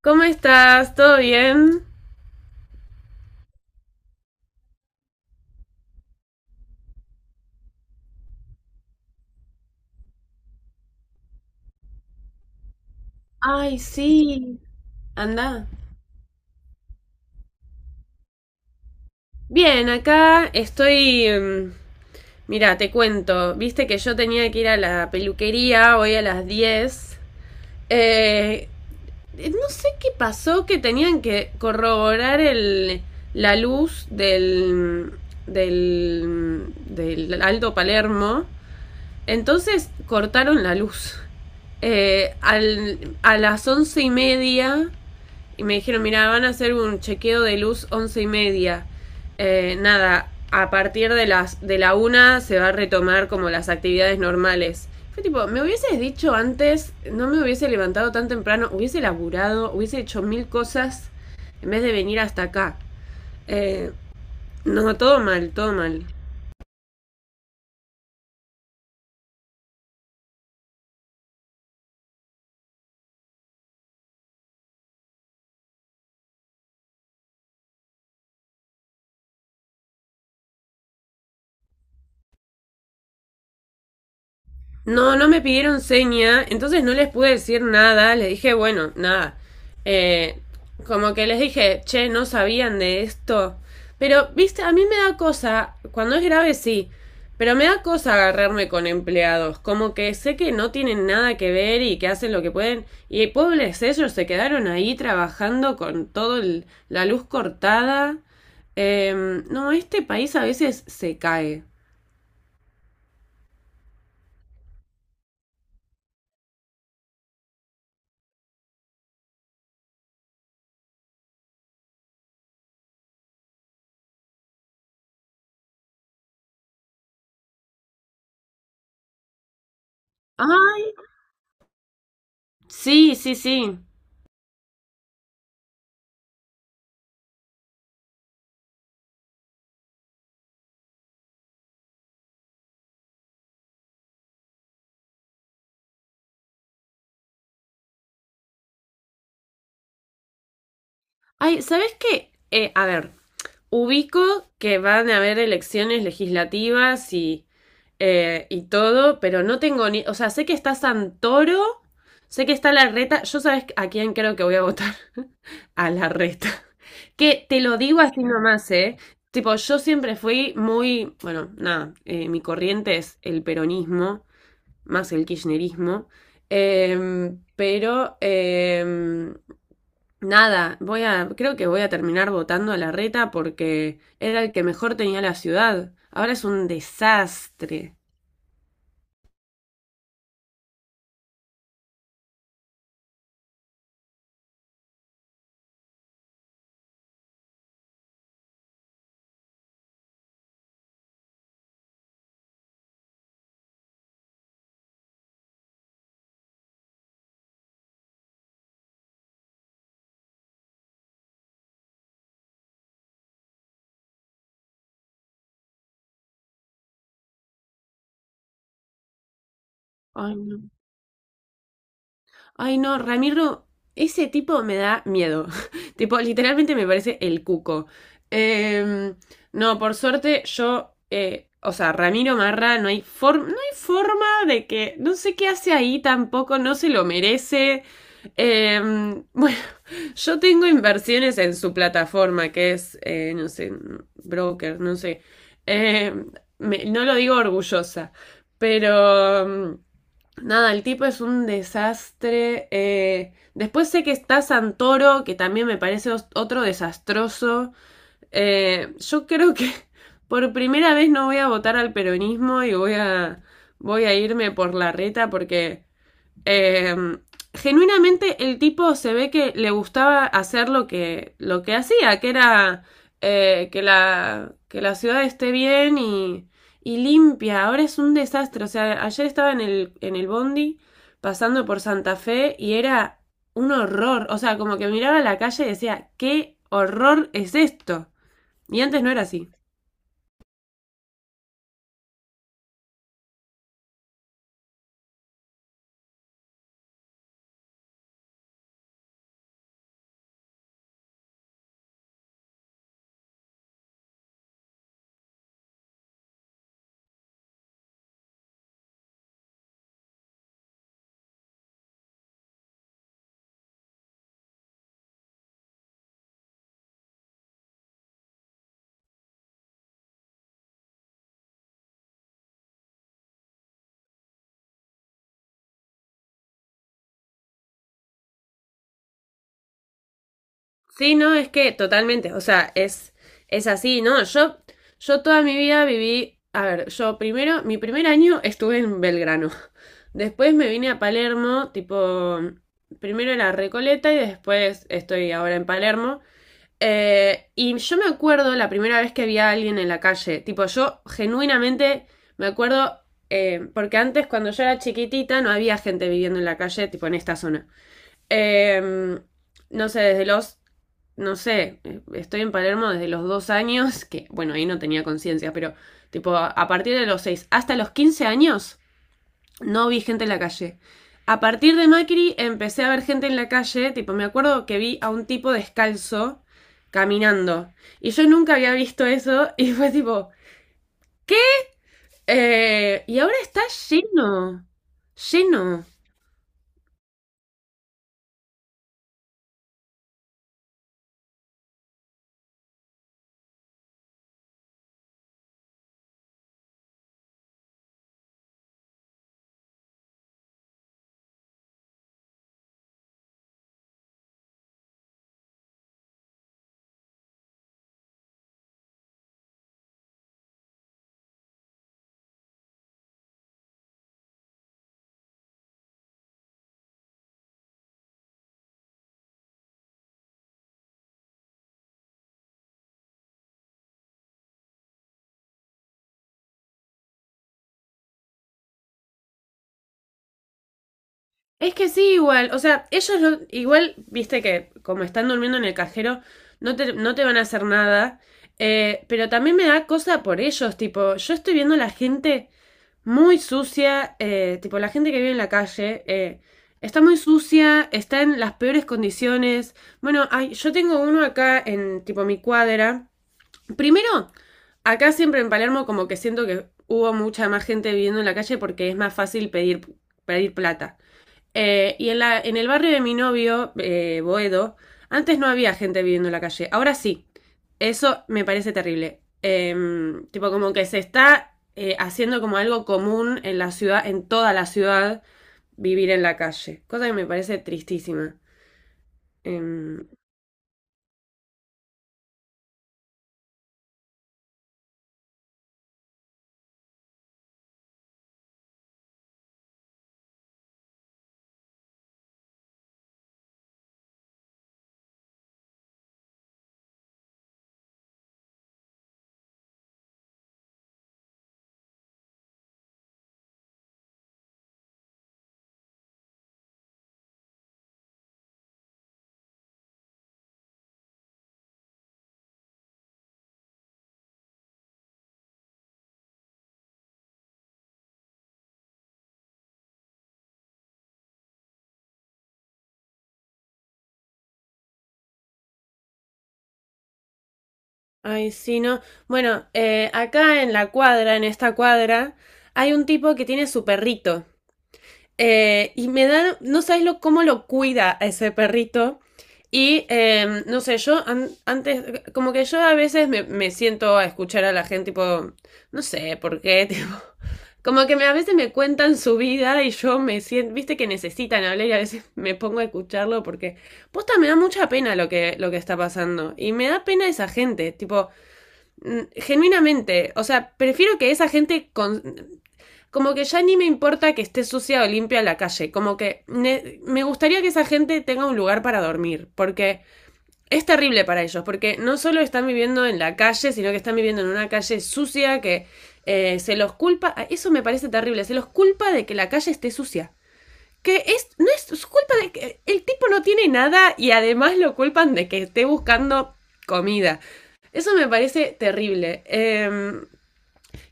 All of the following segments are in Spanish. ¿Cómo estás? ¿Todo bien? Ay, sí. Anda. Bien, acá estoy. Mira, te cuento, viste que yo tenía que ir a la peluquería hoy a las 10. Eh, no sé qué pasó, que tenían que corroborar la luz del Alto Palermo. Entonces cortaron la luz. A las 11:30 y me dijeron, "Mira, van a hacer un chequeo de luz 11:30." Nada, a partir de las de la 1 se va a retomar como las actividades normales. Fue tipo, "Me hubieses dicho antes, no me hubiese levantado tan temprano, hubiese laburado, hubiese hecho mil cosas en vez de venir hasta acá." Eh, no, todo mal, todo mal. No, no me pidieron seña, entonces no les pude decir nada, les dije, "Bueno, nada." Eh, como que les dije, "Che, no sabían de esto." Pero, viste, a mí me da cosa. Cuando es grave, sí, pero me da cosa agarrarme con empleados, como que sé que no tienen nada que ver y que hacen lo que pueden. Y pobres, ellos se quedaron ahí trabajando con todo la luz cortada. No, este país a veces se cae. Ay, sí, sí, sí. Ay, ¿sabes qué? A ver, ubico que van a haber elecciones legislativas y todo, pero no tengo ni. O sea, sé que está Santoro, sé que está la Reta. Yo sabes a quién creo que voy a votar. A la Reta. Que te lo digo así nomás, ¿eh? Tipo, yo siempre fui muy. Bueno, nada, mi corriente es el peronismo, más el kirchnerismo. Pero... nada, voy a, creo que voy a terminar votando a la Reta, porque era el que mejor tenía la ciudad. Ahora es un desastre. Ay, no. Ay, no, Ramiro, ese tipo me da miedo. Tipo, literalmente me parece el cuco. Em, no, por suerte yo, o sea, Ramiro Marra, no hay forma de que, no sé qué hace ahí tampoco, no se lo merece. Bueno, yo tengo inversiones en su plataforma, que es, no sé, broker, no sé. Em, no lo digo orgullosa, pero... nada, el tipo es un desastre. Después sé que está Santoro, que también me parece otro desastroso. Yo creo que por primera vez no voy a votar al peronismo y voy a irme por la Reta, porque eh, genuinamente el tipo se ve que le gustaba hacer lo que hacía, que era que la ciudad esté bien y limpia. Ahora es un desastre. O sea, ayer estaba en el bondi pasando por Santa Fe y era un horror. O sea, como que miraba la calle y decía, "¿Qué horror es esto?" Y antes no era así. Sí, no, es que totalmente, o sea, es así, ¿no? Yo toda mi vida viví, a ver, yo primero, mi primer año estuve en Belgrano, después me vine a Palermo, tipo, primero en Recoleta y después estoy ahora en Palermo. Y yo me acuerdo la primera vez que vi a alguien en la calle. Tipo, yo genuinamente me acuerdo, porque antes, cuando yo era chiquitita, no había gente viviendo en la calle, tipo en esta zona. Eh, no sé, no sé, estoy en Palermo desde los 2 años, que bueno, ahí no tenía conciencia, pero tipo, a partir de los 6 hasta los 15 años, no vi gente en la calle. A partir de Macri empecé a ver gente en la calle. Tipo, me acuerdo que vi a un tipo descalzo caminando. Y yo nunca había visto eso. Y fue tipo, y ahora está lleno, lleno. Es que sí, igual. O sea, ellos igual, viste que como están durmiendo en el cajero, no te van a hacer nada. Pero también me da cosa por ellos. Tipo, yo estoy viendo la gente muy sucia. Tipo, la gente que vive en la calle, está muy sucia, está en las peores condiciones. Bueno, ay, yo tengo uno acá en, tipo, mi cuadra. Primero, acá siempre en Palermo, como que siento que hubo mucha más gente viviendo en la calle porque es más fácil pedir, pedir plata. Y en el barrio de mi novio, Boedo, antes no había gente viviendo en la calle, ahora sí. Eso me parece terrible. Tipo, como que se está haciendo como algo común en la ciudad, en toda la ciudad, vivir en la calle. Cosa que me parece tristísima. Em, Ay, sí, no. Bueno, acá en la cuadra, en esta cuadra, hay un tipo que tiene su perrito. Y me da, no sabes lo cómo lo cuida a ese perrito. No sé, yo antes, como que yo a veces me siento a escuchar a la gente. Tipo, no sé por qué, tipo, como que a veces me cuentan su vida y yo me siento, viste que necesitan hablar y a veces me pongo a escucharlo porque, posta, me da mucha pena lo que está pasando. Y me da pena esa gente. Tipo, genuinamente, o sea, prefiero que esa gente como que ya ni me importa que esté sucia o limpia la calle. Como que me gustaría que esa gente tenga un lugar para dormir, porque es terrible para ellos, porque no solo están viviendo en la calle, sino que están viviendo en una calle sucia. Que se los culpa, ah, eso me parece terrible, se los culpa de que la calle esté sucia. Que no es su culpa de que el tipo no tiene nada, y además lo culpan de que esté buscando comida. Eso me parece terrible. Em,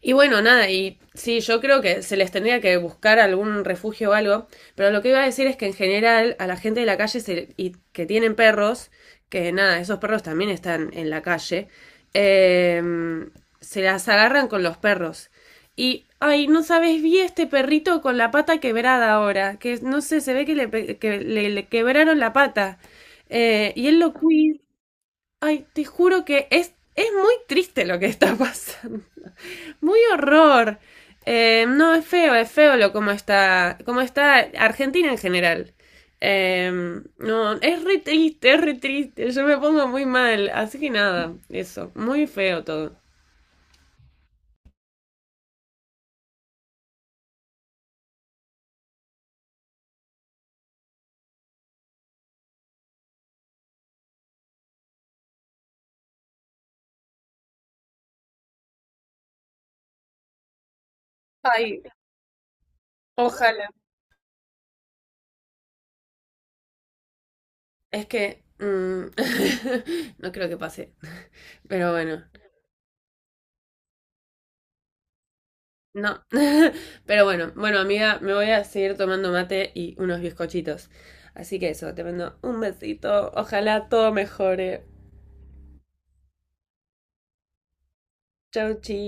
y bueno, nada, y sí, yo creo que se les tendría que buscar algún refugio o algo, pero lo que iba a decir es que en general a la gente de la calle y que tienen perros, que nada, esos perros también están en la calle, eh, se las agarran con los perros. Y ay, no sabes, vi este perrito con la pata quebrada ahora, que no sé, se ve que le quebraron la pata. Y él lo cuida. Ay, te juro que es muy triste lo que está pasando. Muy horror. No, es feo cómo está Argentina en general. Eh, no, es re triste, es re triste. Yo me pongo muy mal. Así que nada, eso. Muy feo todo. Ay, ojalá. Es que no creo que pase. Pero bueno, no. Pero bueno, bueno, amiga, me voy a seguir tomando mate y unos bizcochitos. Así que eso, te mando un besito. Ojalá todo mejore. Chau, chi.